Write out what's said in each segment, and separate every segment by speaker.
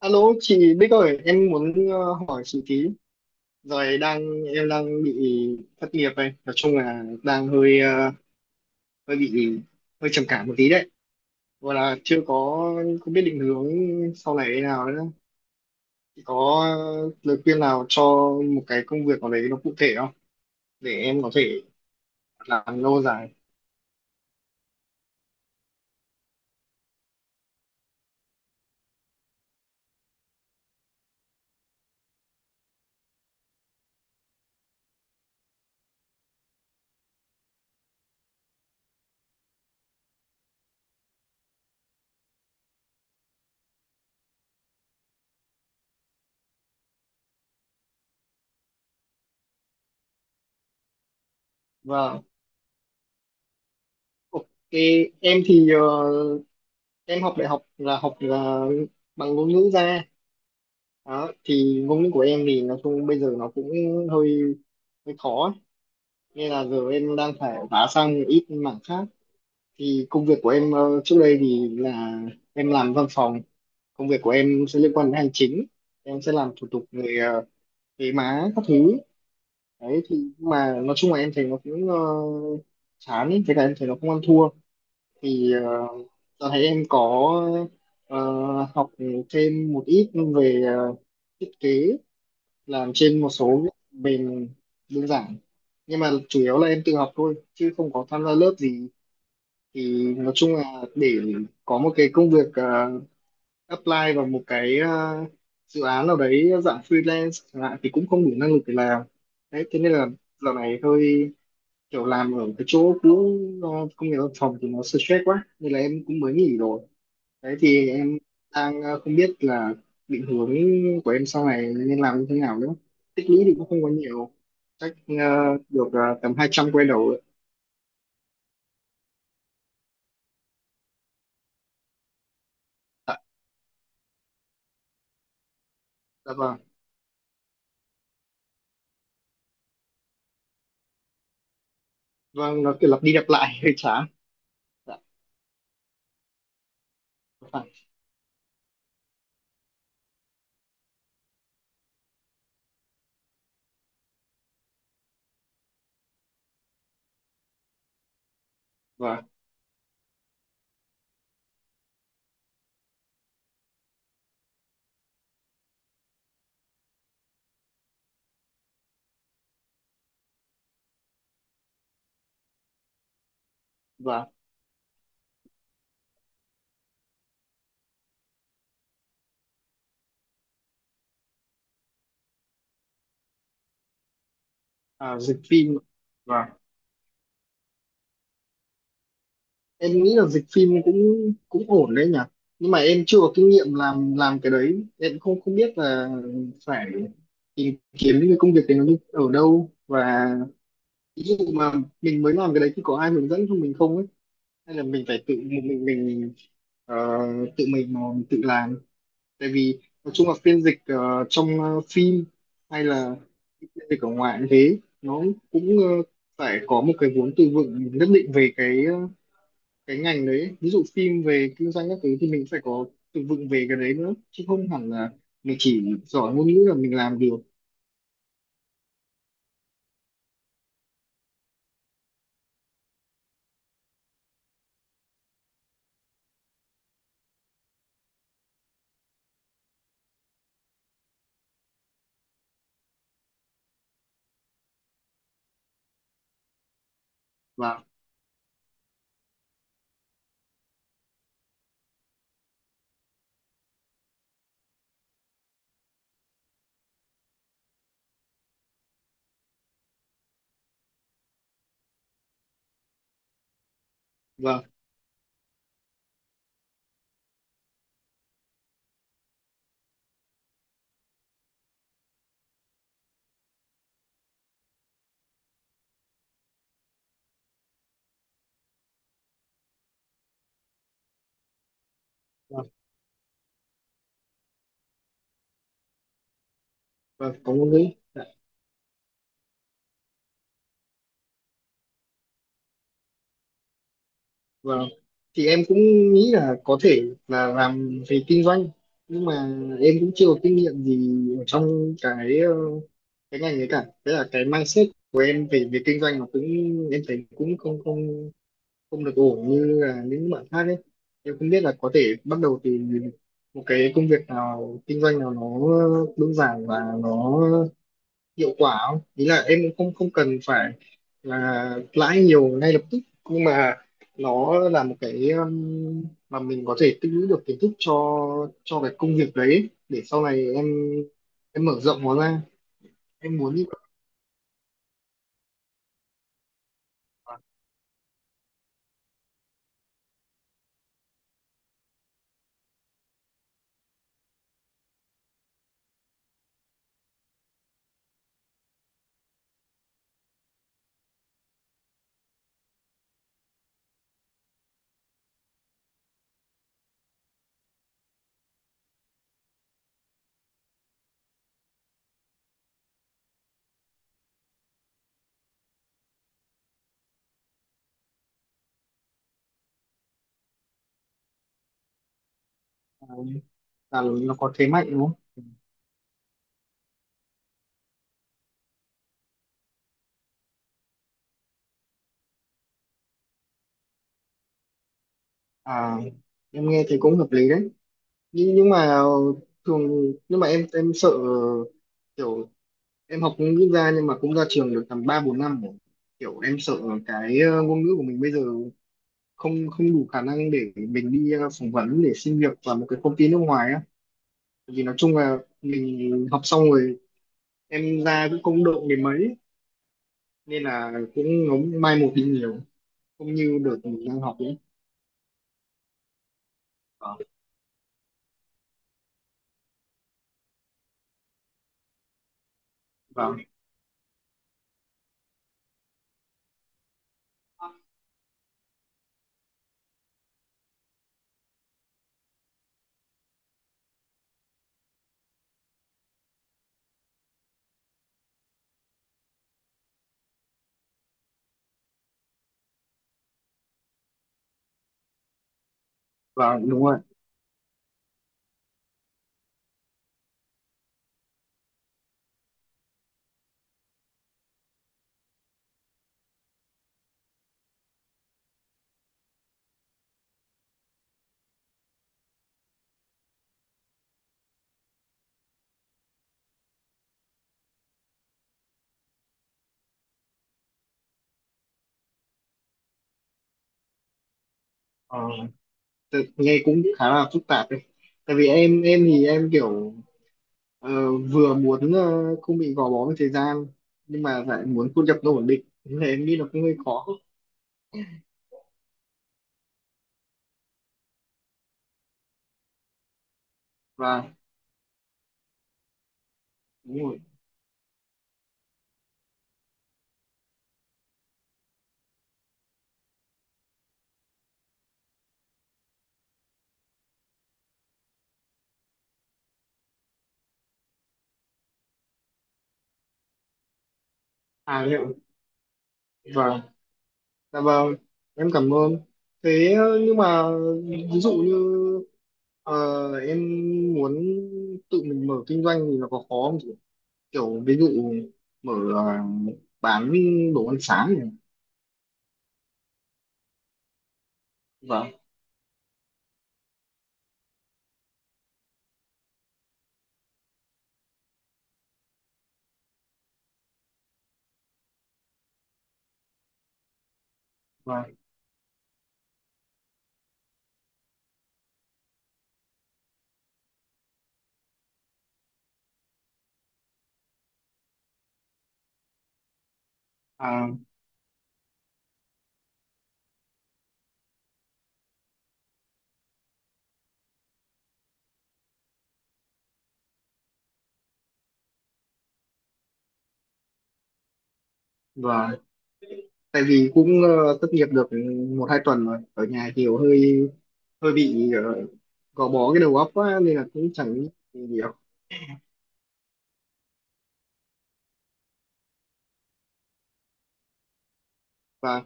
Speaker 1: Alo chị Bích ơi, em muốn hỏi chị tí. Rồi đang Em đang bị thất nghiệp đây, nói chung là đang hơi bị hơi trầm cảm một tí đấy. Gọi là chưa có Không biết định hướng sau này thế nào nữa. Chị có lời khuyên nào cho một cái công việc nào đấy nó cụ thể không để em có thể làm lâu dài. Vâng. Ok, em thì ờ, em học đại học là học bằng ngôn ngữ ra. Đó, thì ngôn ngữ của em thì nói chung bây giờ nó cũng hơi hơi khó ấy. Nên là giờ em đang phải vá sang một ít mảng khác, thì công việc của em trước đây thì là em làm văn phòng, công việc của em sẽ liên quan đến hành chính, em sẽ làm thủ tục về thuế má các thứ đấy. Thì nhưng mà nói chung là em thấy nó cũng chán ấy, với cả em thấy nó không ăn thua. thì ờ, Giờ thấy em ờ, học thêm một ít về thiết kế, làm trên một số những mềm đơn giản, nhưng mà chủ yếu là em tự học thôi chứ không có tham gia lớp gì. Thì nói chung là để có một cái công việc apply vào một dự án nào đấy dạng freelance chẳng hạn thì cũng không đủ năng lực để làm. Đấy thế nên là dạo này hơi kiểu làm ở cái chỗ cũ, công việc văn phòng thì nó stress quá nên là em cũng mới nghỉ rồi. Đấy thì không biết là định hướng của em sau này nên làm như thế nào nữa. Tích lũy thì cũng không có nhiều. Chắc được tầm 200 quay đầu ạ. Dạ, dạ vâng. Vâng, nó kiểu lặp đi lặp lại hơi chán. Dạ, phải. Vâng, vâng. À, dịch phim. Vâng. Em nghĩ là dịch phim cũng cũng ổn đấy nhỉ. Nhưng mà em chưa có kinh nghiệm làm cái đấy. Em không không biết là phải tìm kiếm những cái công việc đấy ở đâu, và ví dụ mà mình mới làm cái đấy thì có ai hướng dẫn cho mình không ấy, hay là mình phải ờ, tự mình mà mình tự làm. Tại vì nói chung là phiên dịch trong phim hay là phiên dịch ở ngoài cũng thế, nó cũng ờ, phải có một cái vốn từ vựng nhất định về cái ngành đấy, ví dụ phim về kinh doanh các thứ thì mình phải có từ vựng về cái đấy nữa, chứ không hẳn là mình chỉ giỏi ngôn ngữ là mình làm được và và và, và có ngôn ngữ. Dạ. Vâng. Thì em cũng nghĩ là có thể là làm về kinh doanh, nhưng mà em cũng chưa có kinh nghiệm gì ở trong cái ngành ấy cả. Thế là cái mindset của em về về kinh doanh nó cũng em thấy cũng không không không được ổn như là những bạn khác ấy. Em không biết là có thể bắt đầu từ một cái công việc nào kinh doanh nào nó đơn giản và nó hiệu quả không, ý là em cũng không không cần phải là lãi nhiều ngay lập tức, nhưng mà nó là một cái mà mình có thể tích lũy được kiến thức cho cái công việc đấy để sau này em mở rộng nó ra. Em muốn như vậy. Là nó có thế mạnh đúng không. À, em nghe thấy cũng hợp lý đấy, nhưng mà thường nhưng mà em sợ kiểu em học ngôn ngữ ra nhưng mà cũng ra trường được tầm ba bốn năm rồi. Kiểu em sợ ngôn ngữ của mình bây giờ không không đủ khả năng để mình đi phỏng vấn để xin việc vào một cái công ty nước ngoài á, vì nói chung là mình học xong rồi em ra cũng không đậu đến mấy, nên là cũng nó mai một đi nhiều, không như đợt mình đang học ấy. Vâng. Vâng. Vâng, đúng rồi. ờ, Nghe cũng khá là phức tạp đấy, tại vì em thì em kiểu ờ, vừa muốn không bị gò bó với thời gian, nhưng mà lại muốn thu nhập nó ổn định nên là em nghĩ nó cũng hơi khó. Và đúng rồi. À, liệu. Và Dạ vâng, em cảm ơn. Thế nhưng mà ví dụ như ờ, em muốn tự mình mở kinh doanh thì nó có khó không chị? Kiểu ví dụ mở ờ, bán đồ ăn sáng này. Vâng. Vâng. À, vâng. Tại vì cũng thất nghiệp được một hai tuần rồi. Ở nhà kiểu hơi hơi bị gò bó cái đầu óc quá nên là cũng chẳng nghĩ gì nhiều. Và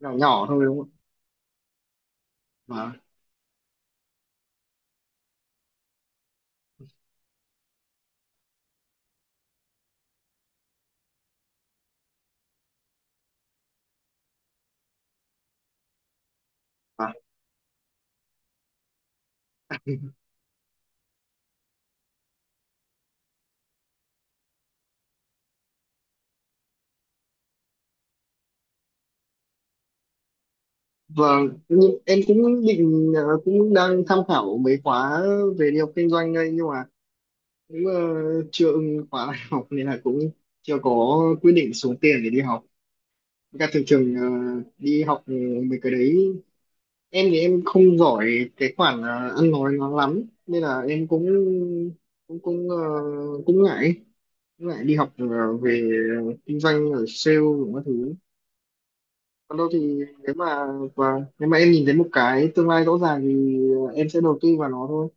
Speaker 1: nhỏ nhỏ thôi đúng không? Ạ? Vâng. Vâng, nhưng em cũng định cũng đang tham khảo mấy khóa về đi học kinh doanh đây, nhưng mà cũng chưa ưng khóa đại học nên là cũng chưa có quyết định xuống tiền để đi học. Với cả thường thường đi học mấy cái đấy, em thì em không giỏi cái khoản ăn nói nó lắm nên là em cũng cũng cũng ờ, cũng ngại cũng ngại đi học về kinh doanh ở sale rồi các thứ. Còn đâu thì nếu mà và nếu mà em nhìn thấy một cái tương lai rõ ràng thì em sẽ đầu tư vào nó thôi.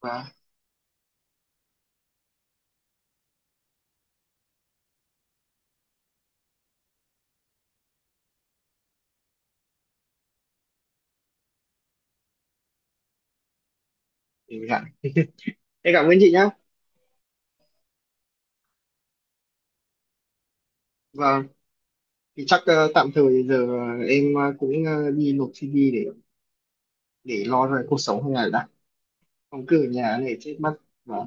Speaker 1: Và để em cảm ơn chị nhá. Và thì chắc tạm thời cũng đi nộp CV để lo về cuộc sống hàng ngày đã, không cứ ở nhà này chết mất. Và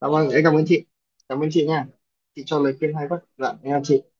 Speaker 1: cảm ơn em. Cảm ơn chị. Cảm ơn chị nha, chị cho lời khuyên hay quá. Dạ em chào chị.